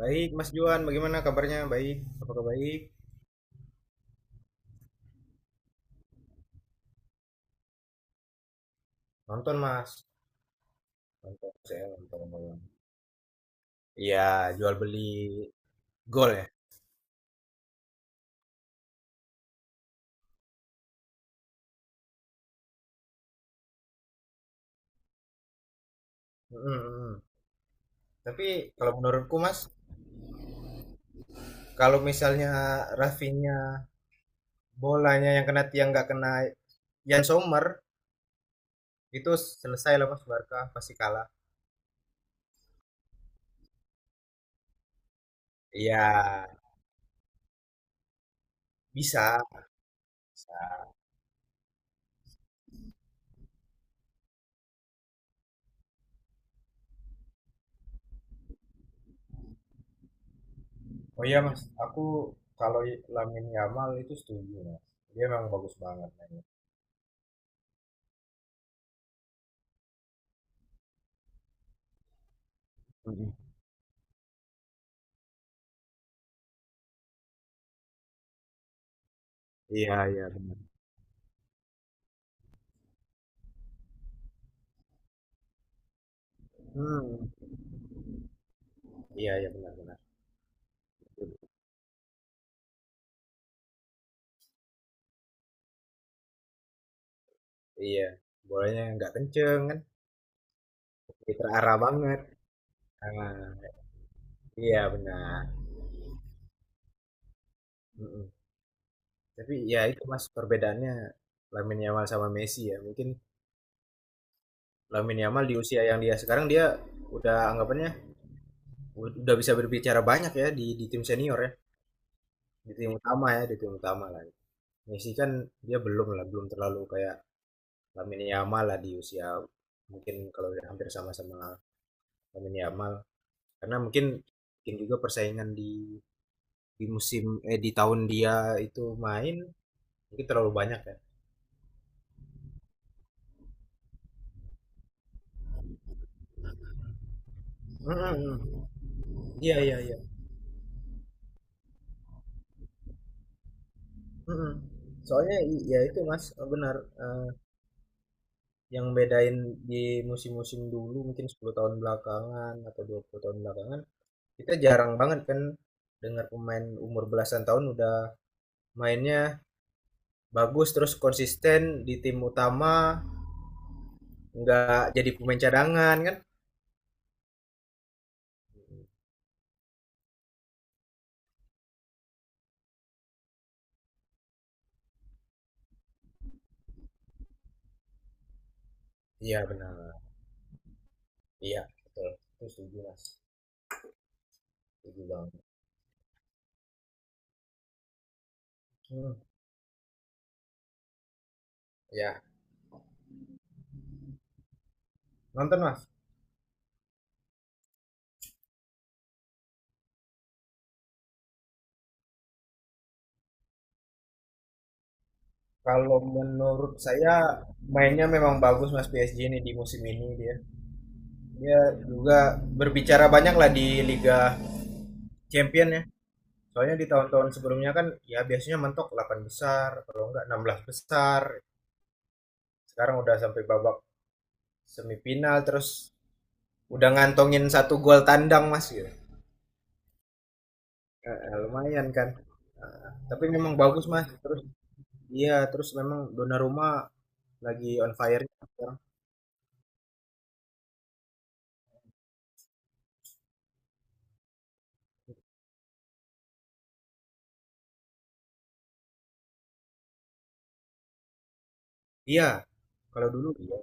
Baik, Mas Juan, bagaimana kabarnya? Baik, apakah baik? Nonton, Mas. Nonton, saya nonton malam. Iya, jual beli gol ya. Mm, mm. Tapi kalau menurutku, Mas, kalau misalnya Rafinha bolanya yang kena tiang nggak kena Yan Sommer, itu selesai lah Mas Barca pasti kalah. Iya, bisa. Bisa. Oh iya Mas, aku kalau Lamine Yamal itu setuju Mas. Dia memang bagus banget mainnya. Mm. Iya, iya benar. Hmm, iya iya benar. Iya, bolanya nggak kenceng kan, jadi terarah banget. Nah, iya benar, mhm. Tapi ya itu Mas, perbedaannya Lamine Yamal sama Messi ya, mungkin Lamine Yamal di usia yang dia sekarang dia udah anggapannya udah bisa berbicara banyak ya di tim senior ya, di tim utama ya, di tim utama lah. Messi kan dia belum lah, belum terlalu kayak Lamine Yamal lah di usia mungkin kalau udah hampir sama-sama Lamine Yamal, karena mungkin mungkin juga persaingan di musim eh di tahun dia itu main mungkin terlalu banyak ya. Mm-mm. Iya iya iya. Mm-mm. Soalnya ya itu Mas benar, eh, yang bedain di musim-musim dulu mungkin 10 tahun belakangan atau 20 tahun belakangan kita jarang banget kan dengar pemain umur belasan tahun udah mainnya bagus terus konsisten di tim utama nggak jadi pemain cadangan kan? Iya benar. Iya betul. Itu setuju Mas. Setuju banget. Hmm. Ya, nonton Mas. Kalau menurut saya mainnya memang bagus Mas PSG ini di musim ini dia. Dia juga berbicara banyak lah di Liga Champion ya. Soalnya di tahun-tahun sebelumnya kan ya biasanya mentok 8 besar, kalau enggak 16 besar. Sekarang udah sampai babak semifinal terus udah ngantongin satu gol tandang Mas gitu. Lumayan kan. Tapi memang bagus Mas. Terus iya, terus memang Donnarumma lagi on fire sekarang. Iya, kalau dulu iya.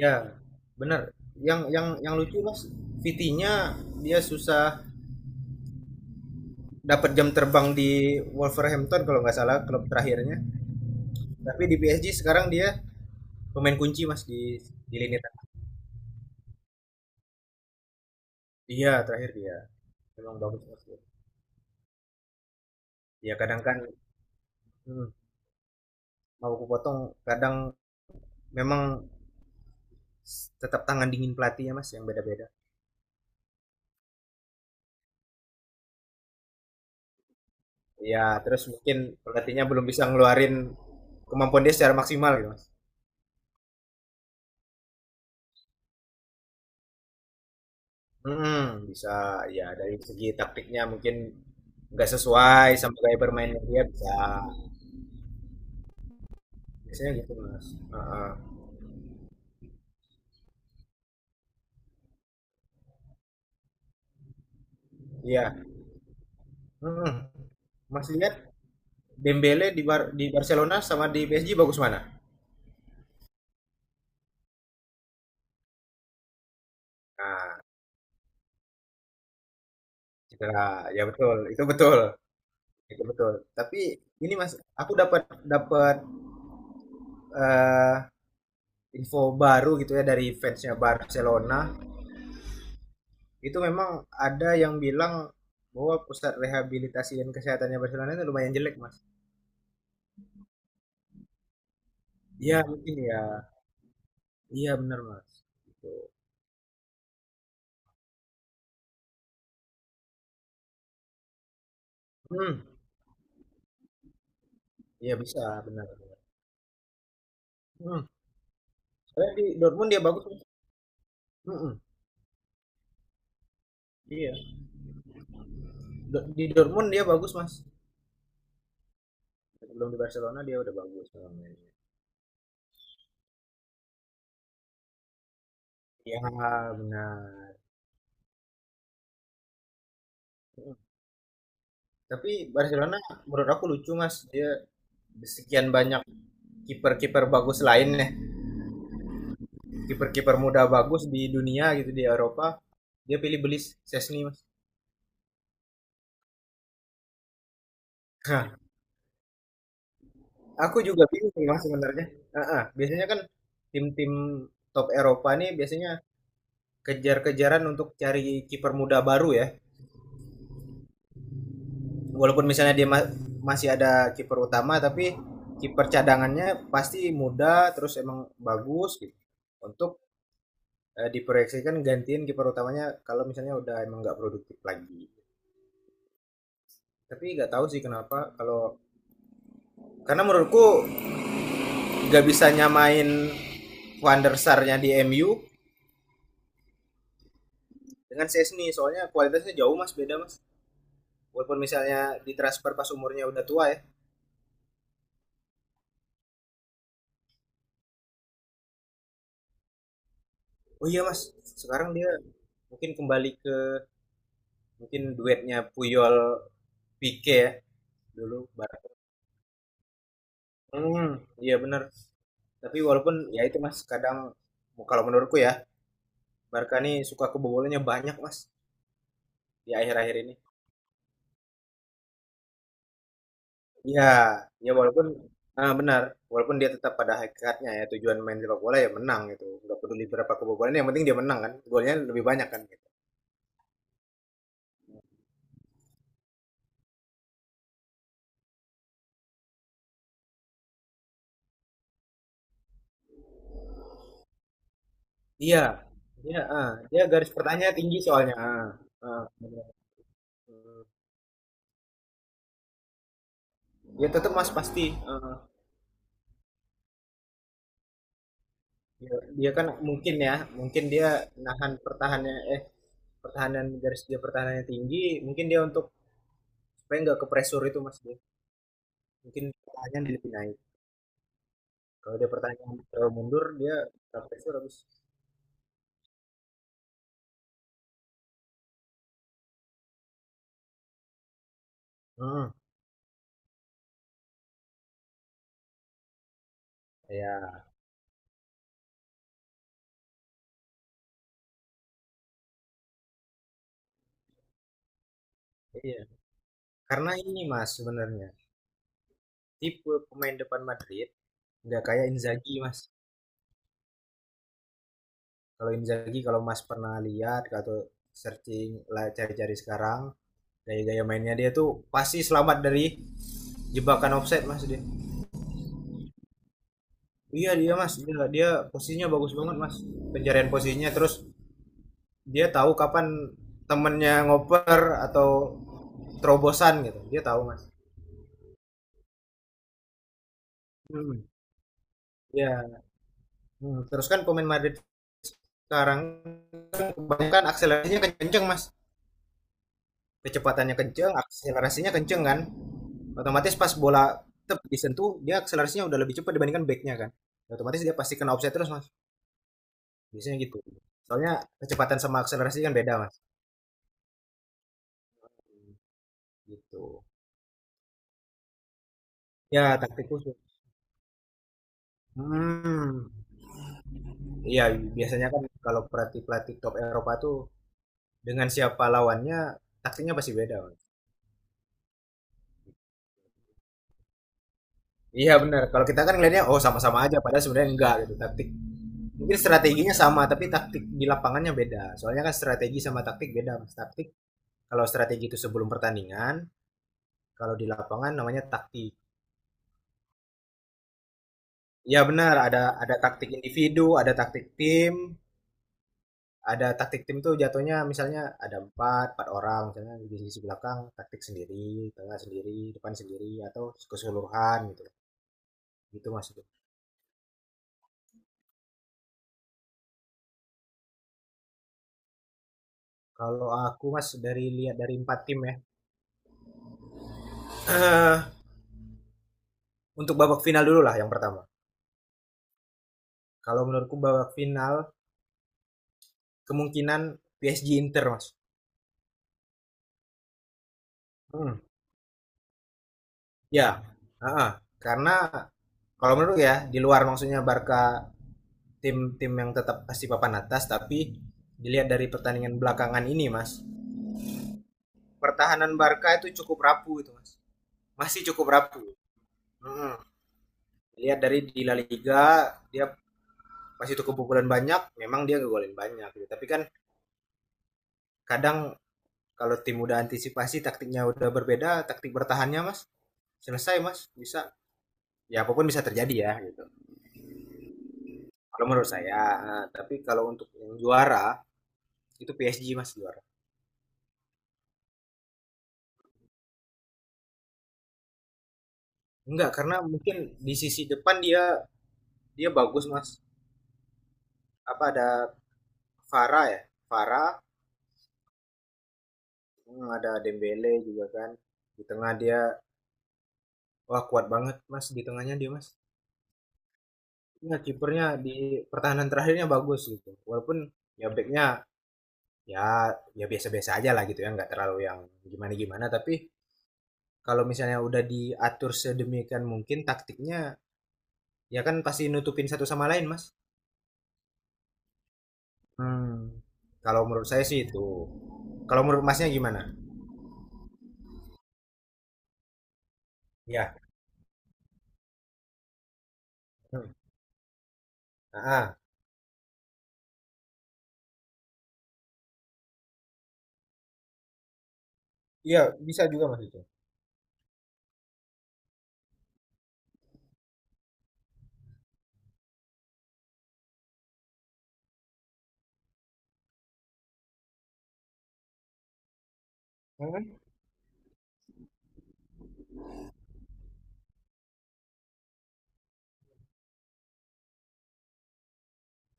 Ya, benar. Yang lucu Mas, Vitinha dia susah dapat jam terbang di Wolverhampton kalau nggak salah klub terakhirnya. Tapi di PSG sekarang dia pemain kunci Mas di lini tengah. Dia terakhir dia memang bagus Mas. Ya kadang kan hmm, mau aku potong, kadang memang tetap tangan dingin pelatihnya Mas yang beda-beda. Ya, terus mungkin pelatihnya belum bisa ngeluarin kemampuan dia secara maksimal gitu Mas. Mhm, bisa ya dari segi taktiknya mungkin nggak sesuai sama gaya bermainnya dia bisa biasanya gitu mas. Heeh. Iya. Mhm. Mas lihat Dembele di di Barcelona sama di PSG bagus mana. Nah, cedera ya betul itu betul itu betul tapi ini mas aku dapat dapat eh, info baru gitu ya dari fansnya Barcelona itu memang ada yang bilang bahwa pusat rehabilitasi dan kesehatannya Barcelona itu lumayan jelek mas. Iya mungkin ya. Iya benar Mas, gitu. Mhm, iya bisa, benar. Bener. Mhm, soalnya di Dortmund dia bagus, Mas. Mhm, iya. Di Dortmund dia bagus, Mas. Sebelum di Barcelona dia udah bagus kalau mainnya. Iya benar, mhm. Tapi Barcelona menurut aku lucu, Mas, dia sekian banyak kiper-kiper bagus lainnya, kiper-kiper muda bagus di dunia gitu, di Eropa, dia pilih beli Szczęsny, Mas. Nah, aku juga bingung sih, Mas, sebenarnya. Ah, ah. Biasanya kan tim-tim top Eropa nih biasanya kejar-kejaran untuk cari kiper muda baru ya. Walaupun misalnya dia masih ada kiper utama tapi kiper cadangannya pasti muda terus emang bagus gitu. Untuk diproyeksikan gantiin kiper utamanya kalau misalnya udah emang nggak produktif lagi. Tapi nggak tahu sih kenapa kalau karena menurutku nggak bisa nyamain Van der Sar-nya di MU dengan Sesni soalnya kualitasnya jauh Mas beda Mas. Walaupun misalnya ditransfer pas umurnya udah tua ya. Oh iya Mas, sekarang dia mungkin kembali ke mungkin duetnya Puyol Pique ya dulu bareng. Hmm, iya bener. Tapi walaupun ya itu Mas, kadang kalau menurutku ya Barca nih suka kebobolannya banyak Mas di akhir-akhir ini. Iya, ya walaupun benar, walaupun dia tetap pada hakikatnya ya tujuan main sepak bola ya menang gitu. Nggak peduli berapa kebobolan, yang penting dia menang kan. Golnya lebih banyak kan gitu. Iya, dia garis pertanyaan tinggi soalnya. Ah, ah, benar. Hmm. Ya tetap Mas pasti. Eh, dia, dia kan mungkin ya, mungkin dia nahan pertahanan garis dia pertahanannya tinggi, mungkin dia untuk supaya nggak ke pressure itu Mas dia. Mungkin pertahanan dia lebih naik. Kalau dia pertahanan terlalu mundur, dia ke pressure habis. Hmm, ya, iya. Karena ini Mas sebenarnya tipe pemain depan Madrid nggak kayak Inzaghi Mas. Kalau Inzaghi kalau Mas pernah lihat atau searching lah cari-cari sekarang gaya-gaya mainnya dia tuh pasti selamat dari jebakan offset mas dia. Iya dia mas dia posisinya bagus banget mas pencarian posisinya terus dia tahu kapan temennya ngoper atau terobosan gitu dia tahu mas. Hmm. Ya. Hmm. Terus kan pemain Madrid sekarang kan kebanyakan akselerasinya kenceng mas kecepatannya kenceng akselerasinya kenceng kan otomatis pas bola tetap disentuh dia akselerasinya udah lebih cepat dibandingkan backnya kan otomatis dia pasti kena offset terus mas biasanya gitu soalnya kecepatan sama akselerasi kan beda mas. Gitu. Ya, taktik khusus. Hmm. Iya, biasanya kan kalau pelatih-pelatih top Eropa tuh dengan siapa lawannya taktiknya pasti beda. Bang. Iya benar. Kalau kita kan ngelihatnya oh sama-sama aja padahal sebenarnya enggak gitu taktik. Mungkin strateginya sama tapi taktik di lapangannya beda. Soalnya kan strategi sama taktik beda, Mas. Taktik kalau strategi itu sebelum pertandingan, kalau di lapangan namanya taktik. Iya benar, ada taktik individu, ada taktik tim tuh jatuhnya misalnya ada empat empat orang misalnya di sisi belakang taktik sendiri tengah sendiri depan sendiri atau keseluruhan gitu gitu mas. Kalau aku mas dari lihat dari empat tim ya, uh, untuk babak final dulu lah yang pertama kalau menurutku babak final kemungkinan PSG Inter mas. Hmm. Ya. Heeh. Karena kalau menurut ya di luar maksudnya Barca tim tim yang tetap pasti papan atas tapi dilihat dari pertandingan belakangan ini mas pertahanan Barca itu cukup rapuh itu mas masih cukup rapuh. Hmm. Lihat dari di La Liga dia masih itu kebobolan banyak memang dia ngegolin banyak gitu. Tapi kan kadang kalau tim udah antisipasi taktiknya udah berbeda taktik bertahannya mas selesai mas bisa ya apapun bisa terjadi ya gitu kalau menurut saya nah, tapi kalau untuk yang juara itu PSG mas juara enggak karena mungkin di sisi depan dia dia bagus mas apa ada Vara ya Vara. Hmm, ada Dembele juga kan. Di tengah dia, wah kuat banget mas. Di tengahnya dia mas. Ya, kipernya di pertahanan terakhirnya bagus gitu. Walaupun ya backnya ya ya biasa-biasa aja lah gitu ya. Nggak terlalu yang gimana-gimana. Tapi kalau misalnya udah diatur sedemikian mungkin taktiknya ya kan pasti nutupin satu sama lain mas. Hmm. Kalau menurut saya sih itu. Kalau menurut masnya gimana? Ya. Hmm. Ah, ah. Iya bisa juga mas itu. Hmm.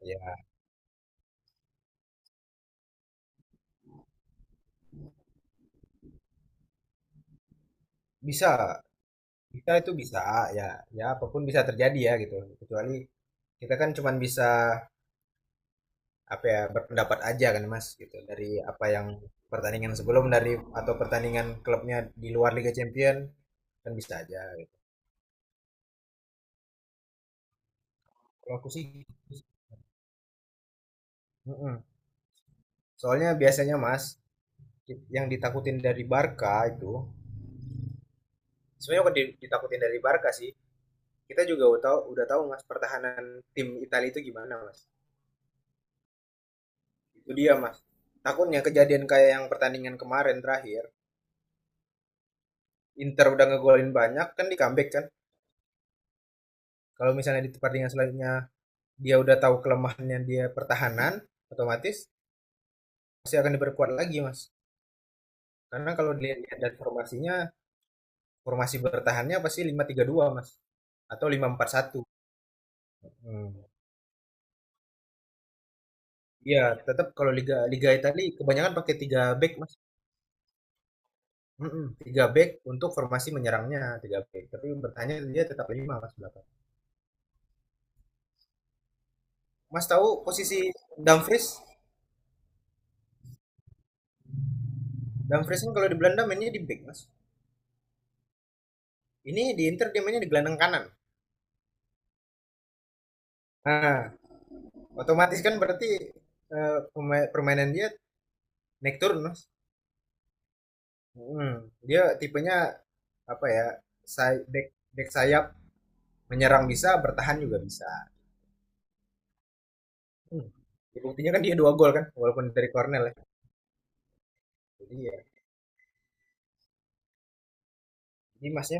Ya bisa. Kita itu bisa ya ya apapun bisa terjadi ya gitu kecuali kita kan cuman bisa apa ya berpendapat aja kan Mas gitu dari apa yang pertandingan sebelum dari atau pertandingan klubnya di luar Liga Champion kan bisa aja gitu. Kalau aku sih mm-mm. Soalnya biasanya Mas yang ditakutin dari Barca itu sebenarnya bukan ditakutin dari Barca sih kita juga udah tahu Mas pertahanan tim Italia itu gimana Mas itu dia Mas takutnya kejadian kayak yang pertandingan kemarin terakhir Inter udah ngegolin banyak kan di comeback kan. Kalau misalnya di pertandingan selanjutnya dia udah tahu kelemahannya dia pertahanan, otomatis pasti akan diperkuat lagi, Mas. Karena kalau dilihat dari formasinya, formasi bertahannya pasti 5-3-2 Mas. Atau 5-4-1. Hmm. Iya, tetap kalau liga liga Italia kebanyakan pakai 3 back, Mas. Mm-mm, tiga back untuk formasi menyerangnya tiga back tapi bertanya dia tetap lima mas belakang mas tahu posisi Dumfries. Dumfries kan kalau di Belanda mainnya di back mas ini di Inter dia mainnya di gelandang kanan. Nah, otomatis kan berarti eh, permainan dia naik turun, Mas. Hmm, dia tipenya apa ya? Back, back sayap menyerang bisa, bertahan juga bisa. Hmm. Ya, buktinya kan dia dua gol kan, walaupun dari Cornell ya. Jadi ya, ini Masnya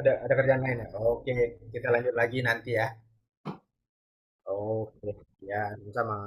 ada kerjaan lain ya. Oke, kita lanjut lagi nanti ya. Oke, ya sama.